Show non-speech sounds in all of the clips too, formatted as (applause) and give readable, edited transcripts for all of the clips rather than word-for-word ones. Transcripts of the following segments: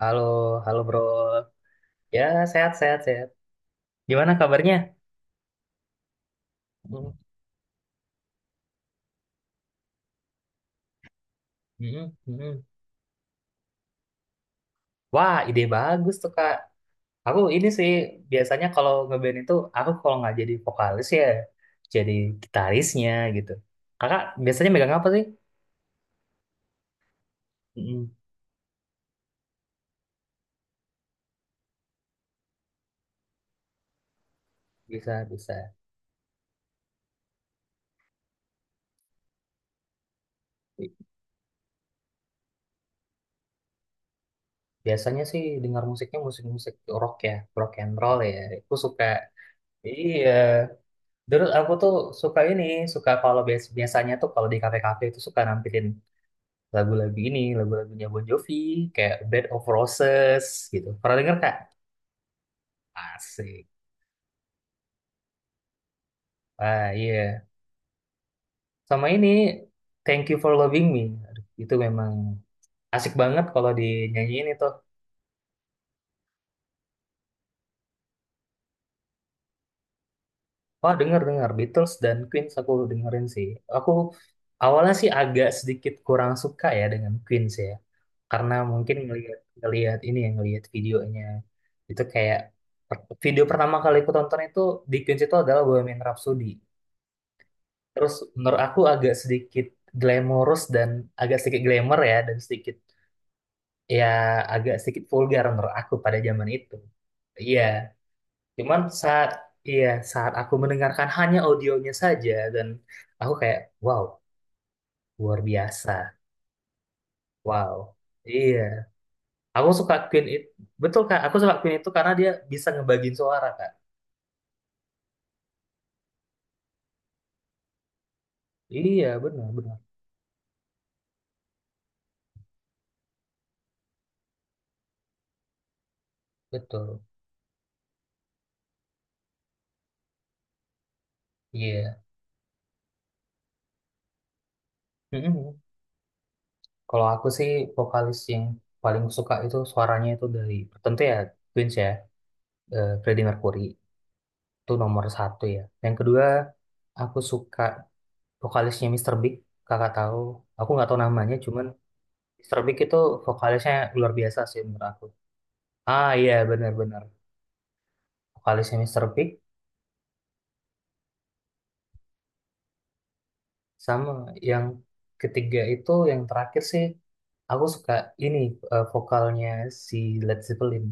Halo, halo bro. Ya, sehat, sehat, sehat. Gimana kabarnya? Mm, mm, mm. Wah, ide bagus tuh, Kak. Aku ini sih, biasanya kalau ngeband itu, aku kalau nggak jadi vokalis ya, jadi gitarisnya gitu. Kakak biasanya megang apa sih? Mm. Bisa, bisa. Bi- Biasanya sih dengar musiknya musik-musik rock ya, rock and roll ya. Aku suka, iya. Dulu aku tuh suka ini, suka kalau biasanya tuh kalau di kafe-kafe itu suka nampilin lagu-lagu ini, lagu-lagunya Bon Jovi, kayak Bed of Roses gitu. Pernah denger Kak? Asik. Ah iya. Sama ini Thank You for Loving Me. Aduh, itu memang asik banget kalau dinyanyiin itu. Wah, denger-denger Beatles dan Queen aku dengerin sih. Aku awalnya sih agak sedikit kurang suka ya dengan Queen sih ya. Karena mungkin ngelihat ngelihat ini ya ngelihat videonya itu kayak video pertama kali aku tonton itu di Queen itu adalah Bohemian Rhapsody. Terus menurut aku agak sedikit glamorous dan agak sedikit glamour ya dan sedikit ya agak sedikit vulgar menurut aku pada zaman itu. Iya, cuman saat iya saat aku mendengarkan hanya audionya saja dan aku kayak wow, luar biasa. Wow. Iya, aku suka Queen itu. Betul Kak, aku suka Queen itu karena dia bisa ngebagiin suara Kak. Iya, benar, benar. Betul. Iya. Mm-mm. Kalau aku sih vokalis yang paling suka itu suaranya itu dari tentu ya Queens ya, Freddie Mercury itu nomor satu ya. Yang kedua aku suka vokalisnya Mister Big, kakak tahu. Aku nggak tahu namanya, cuman Mister Big itu vokalisnya luar biasa sih menurut aku. Ah iya, benar-benar vokalisnya Mister Big. Sama yang ketiga itu yang terakhir sih aku suka ini, vokalnya si Led Zeppelin.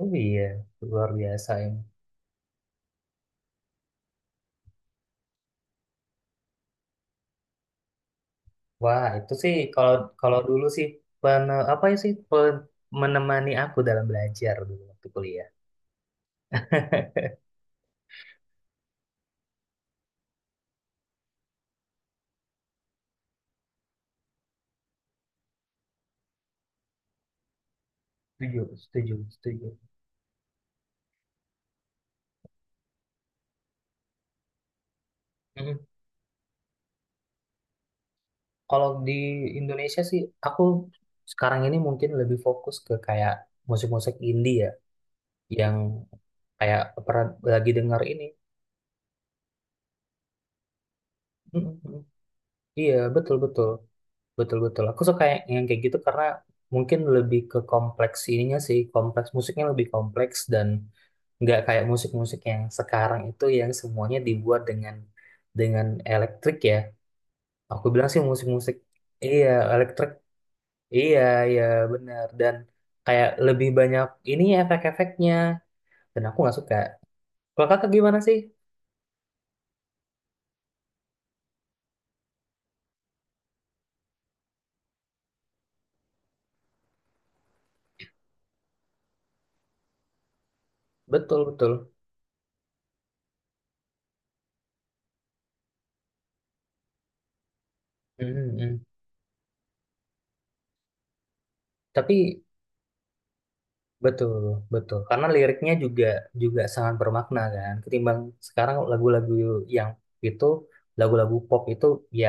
Oh iya, luar biasa ya. Wah, itu sih kalau kalau dulu sih pene, apa ya sih menemani aku dalam belajar dulu waktu kuliah. (laughs) Setuju, setuju, setuju. Mm. Kalau di Indonesia sih aku sekarang ini mungkin lebih fokus ke kayak musik-musik indie ya, yang kayak pernah lagi dengar ini. Mm, mm. Iya, betul betul, betul betul. Aku suka yang kayak gitu karena mungkin lebih ke kompleks ininya sih, kompleks musiknya lebih kompleks dan nggak kayak musik-musik yang sekarang itu yang semuanya dibuat dengan elektrik ya, aku bilang sih musik-musik iya elektrik, iya iya benar. Dan kayak lebih banyak ini ya efek-efeknya, dan aku nggak suka. Kalau kakak gimana sih? Betul betul. Mm, mm, mm. Tapi betul betul karena liriknya juga juga sangat bermakna kan ketimbang sekarang lagu-lagu yang itu, lagu-lagu pop itu ya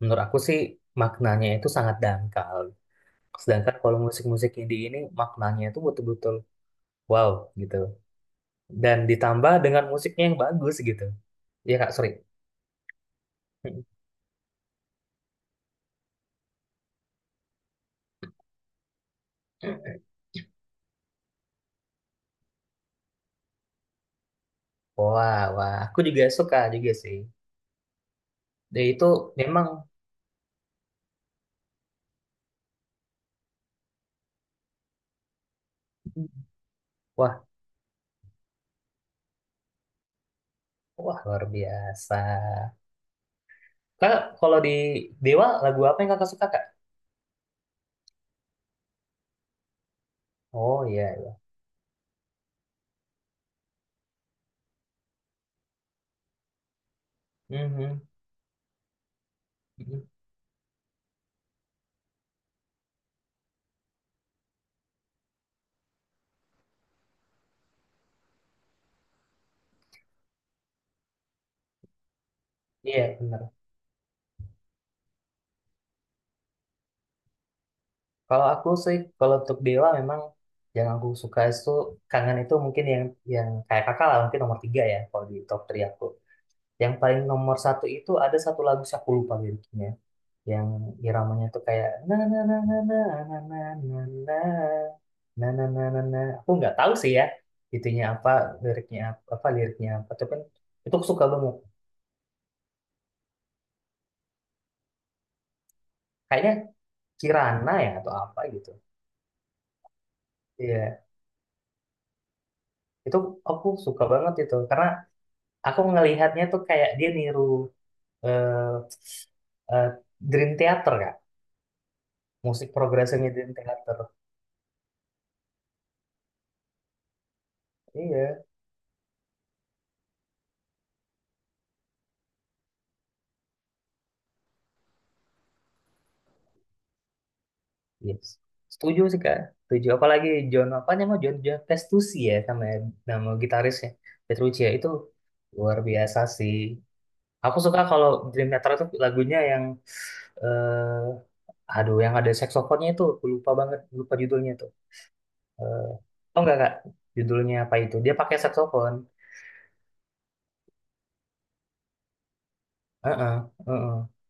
menurut aku sih maknanya itu sangat dangkal. Sedangkan kalau musik-musik indie ini maknanya itu betul-betul wow gitu. Dan ditambah dengan musiknya yang bagus gitu. Iya Kak, sorry. Mm. Wah, wah, aku juga suka juga sih. Dia itu memang wah, wah luar biasa. Kak, kalau di Dewa lagu apa yang Kakak suka Kak? Oh iya, iya. Mhm, mhm. Iya, benar. Kalau aku sih, kalau untuk Dewa memang yang aku suka itu kangen itu mungkin yang kayak kakak lah mungkin nomor tiga ya kalau di top tiga aku. Yang paling nomor satu itu ada satu lagu sih aku lupa liriknya. Yang iramanya tuh kayak na na na na na na na na na na na na na na. Aku nggak tahu sih ya itunya apa, liriknya apa, apa liriknya apa. Cuman itu aku suka banget. Kayaknya Kirana ya atau apa gitu. Iya, itu aku suka banget itu karena aku ngelihatnya tuh kayak dia niru eh eh, Dream Theater kak, musik progresifnya Dream Theater. Iya. Yes. Setuju sih Kak. Setuju. Apalagi John apa namanya John, John Testucci ya sama nama gitarisnya Petrucci ya itu luar biasa sih. Aku suka kalau Dream Theater itu lagunya yang eh aduh yang ada saksofonnya itu aku lupa banget lupa judulnya tuh. Eh oh enggak Kak, judulnya apa itu? Dia pakai saksofon. Heeh, heeh.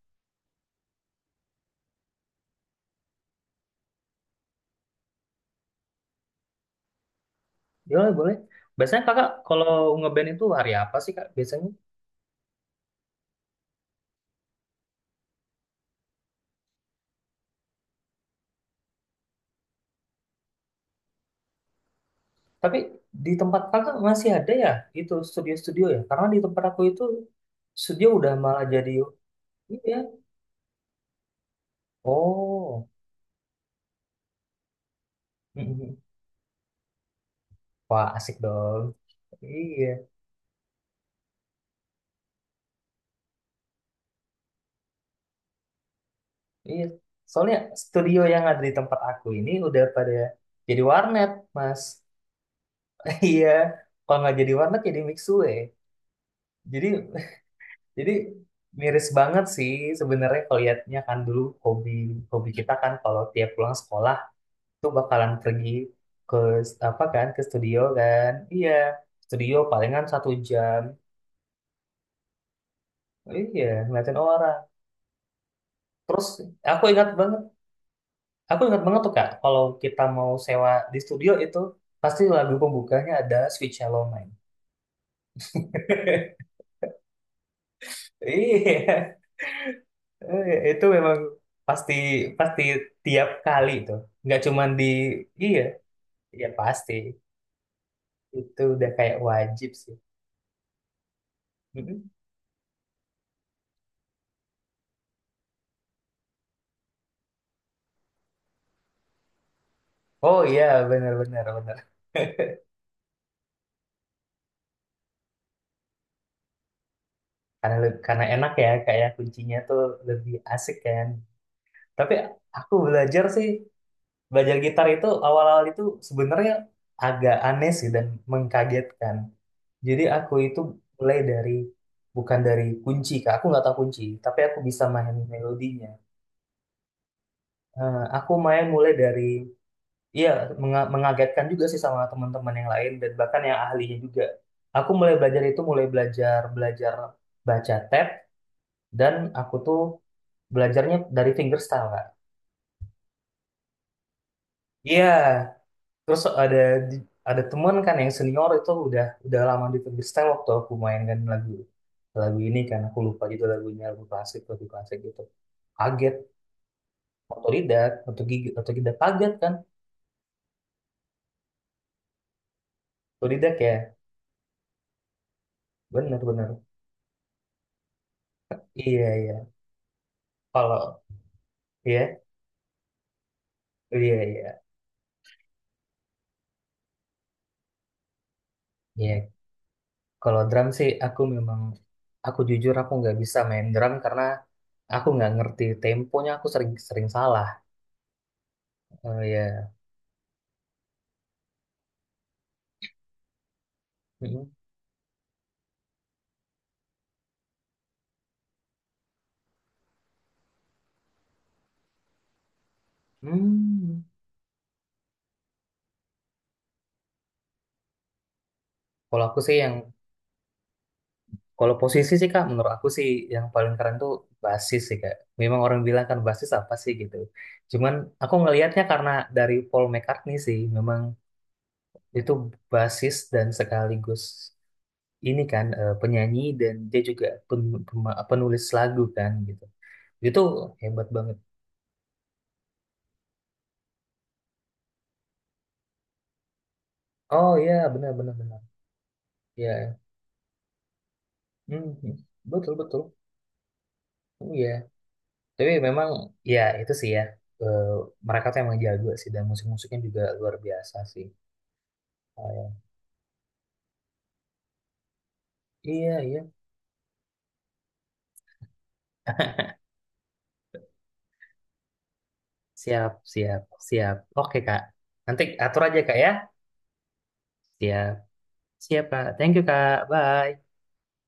Boleh, boleh. Biasanya Kakak kalau ngeband itu hari apa sih Kak? Biasanya tapi di tempat kakak masih ada ya itu studio-studio ya? Karena di tempat aku itu studio udah malah jadi iya. Oh. Mm-mm. Wah, asik dong. Iya, iya. Soalnya studio yang ada di tempat aku ini udah pada jadi warnet, Mas. (laughs) Iya, kalau nggak jadi warnet jadi mixue. Jadi, (laughs) jadi miris banget sih sebenarnya kalau lihatnya kan dulu hobi hobi kita kan kalau tiap pulang sekolah itu bakalan pergi ke apa kan ke studio kan, iya studio palingan satu jam, iya ngeliatin orang. Terus aku ingat banget, aku ingat banget tuh kak kalau kita mau sewa di studio itu pasti lagu pembukanya ada Sweet Shallow Mine. (laughs) Iya, iya, itu memang pasti pasti tiap kali tuh. Nggak cuman di iya, iya pasti. Itu udah kayak wajib sih. Mm-mm. Oh iya, benar benar benar. (laughs) Karena karena enak ya kayak kuncinya tuh lebih asik kan, tapi aku belajar sih, belajar gitar itu awal-awal itu sebenarnya agak aneh sih dan mengkagetkan. Jadi aku itu mulai dari bukan dari kunci kak, aku nggak tahu kunci tapi aku bisa main melodinya. Eh, aku main mulai dari iya mengagetkan juga sih sama teman-teman yang lain dan bahkan yang ahlinya juga. Aku mulai belajar itu mulai belajar belajar baca tab dan aku tuh belajarnya dari fingerstyle kak, iya. Terus ada teman kan yang senior itu udah lama di fingerstyle waktu aku mainkan lagu lagu ini kan aku lupa gitu lagunya, lagu klasik gitu. Kaget. Otodidak, otodidak, otodidak, kaget kan. Otodidak ya, bener bener, iya iya. Kalau iya, iya iya iya. Kalau drum sih aku memang aku jujur aku nggak bisa main drum karena aku nggak ngerti temponya, aku sering sering salah. Oh iya. Mm-mm. Hmm. Kalau aku sih yang kalau posisi sih Kak, menurut aku sih yang paling keren tuh basis sih Kak. Memang orang bilang kan basis apa sih gitu. Cuman aku ngelihatnya karena dari Paul McCartney sih, memang itu basis dan sekaligus ini kan, penyanyi dan dia juga penulis lagu kan gitu. Itu hebat banget. Oh iya, benar benar benar. Iya. Hmm, betul betul. Oh iya. Tapi memang ya itu sih ya, eh, mereka tuh emang jago sih dan musik-musiknya juga luar biasa sih. Oh, ya. Iya, iya. Siap, siap, siap. Oke, Kak. Nanti atur aja, Kak, ya. Siap. Siap, Kak. Thank you, Kak. Bye.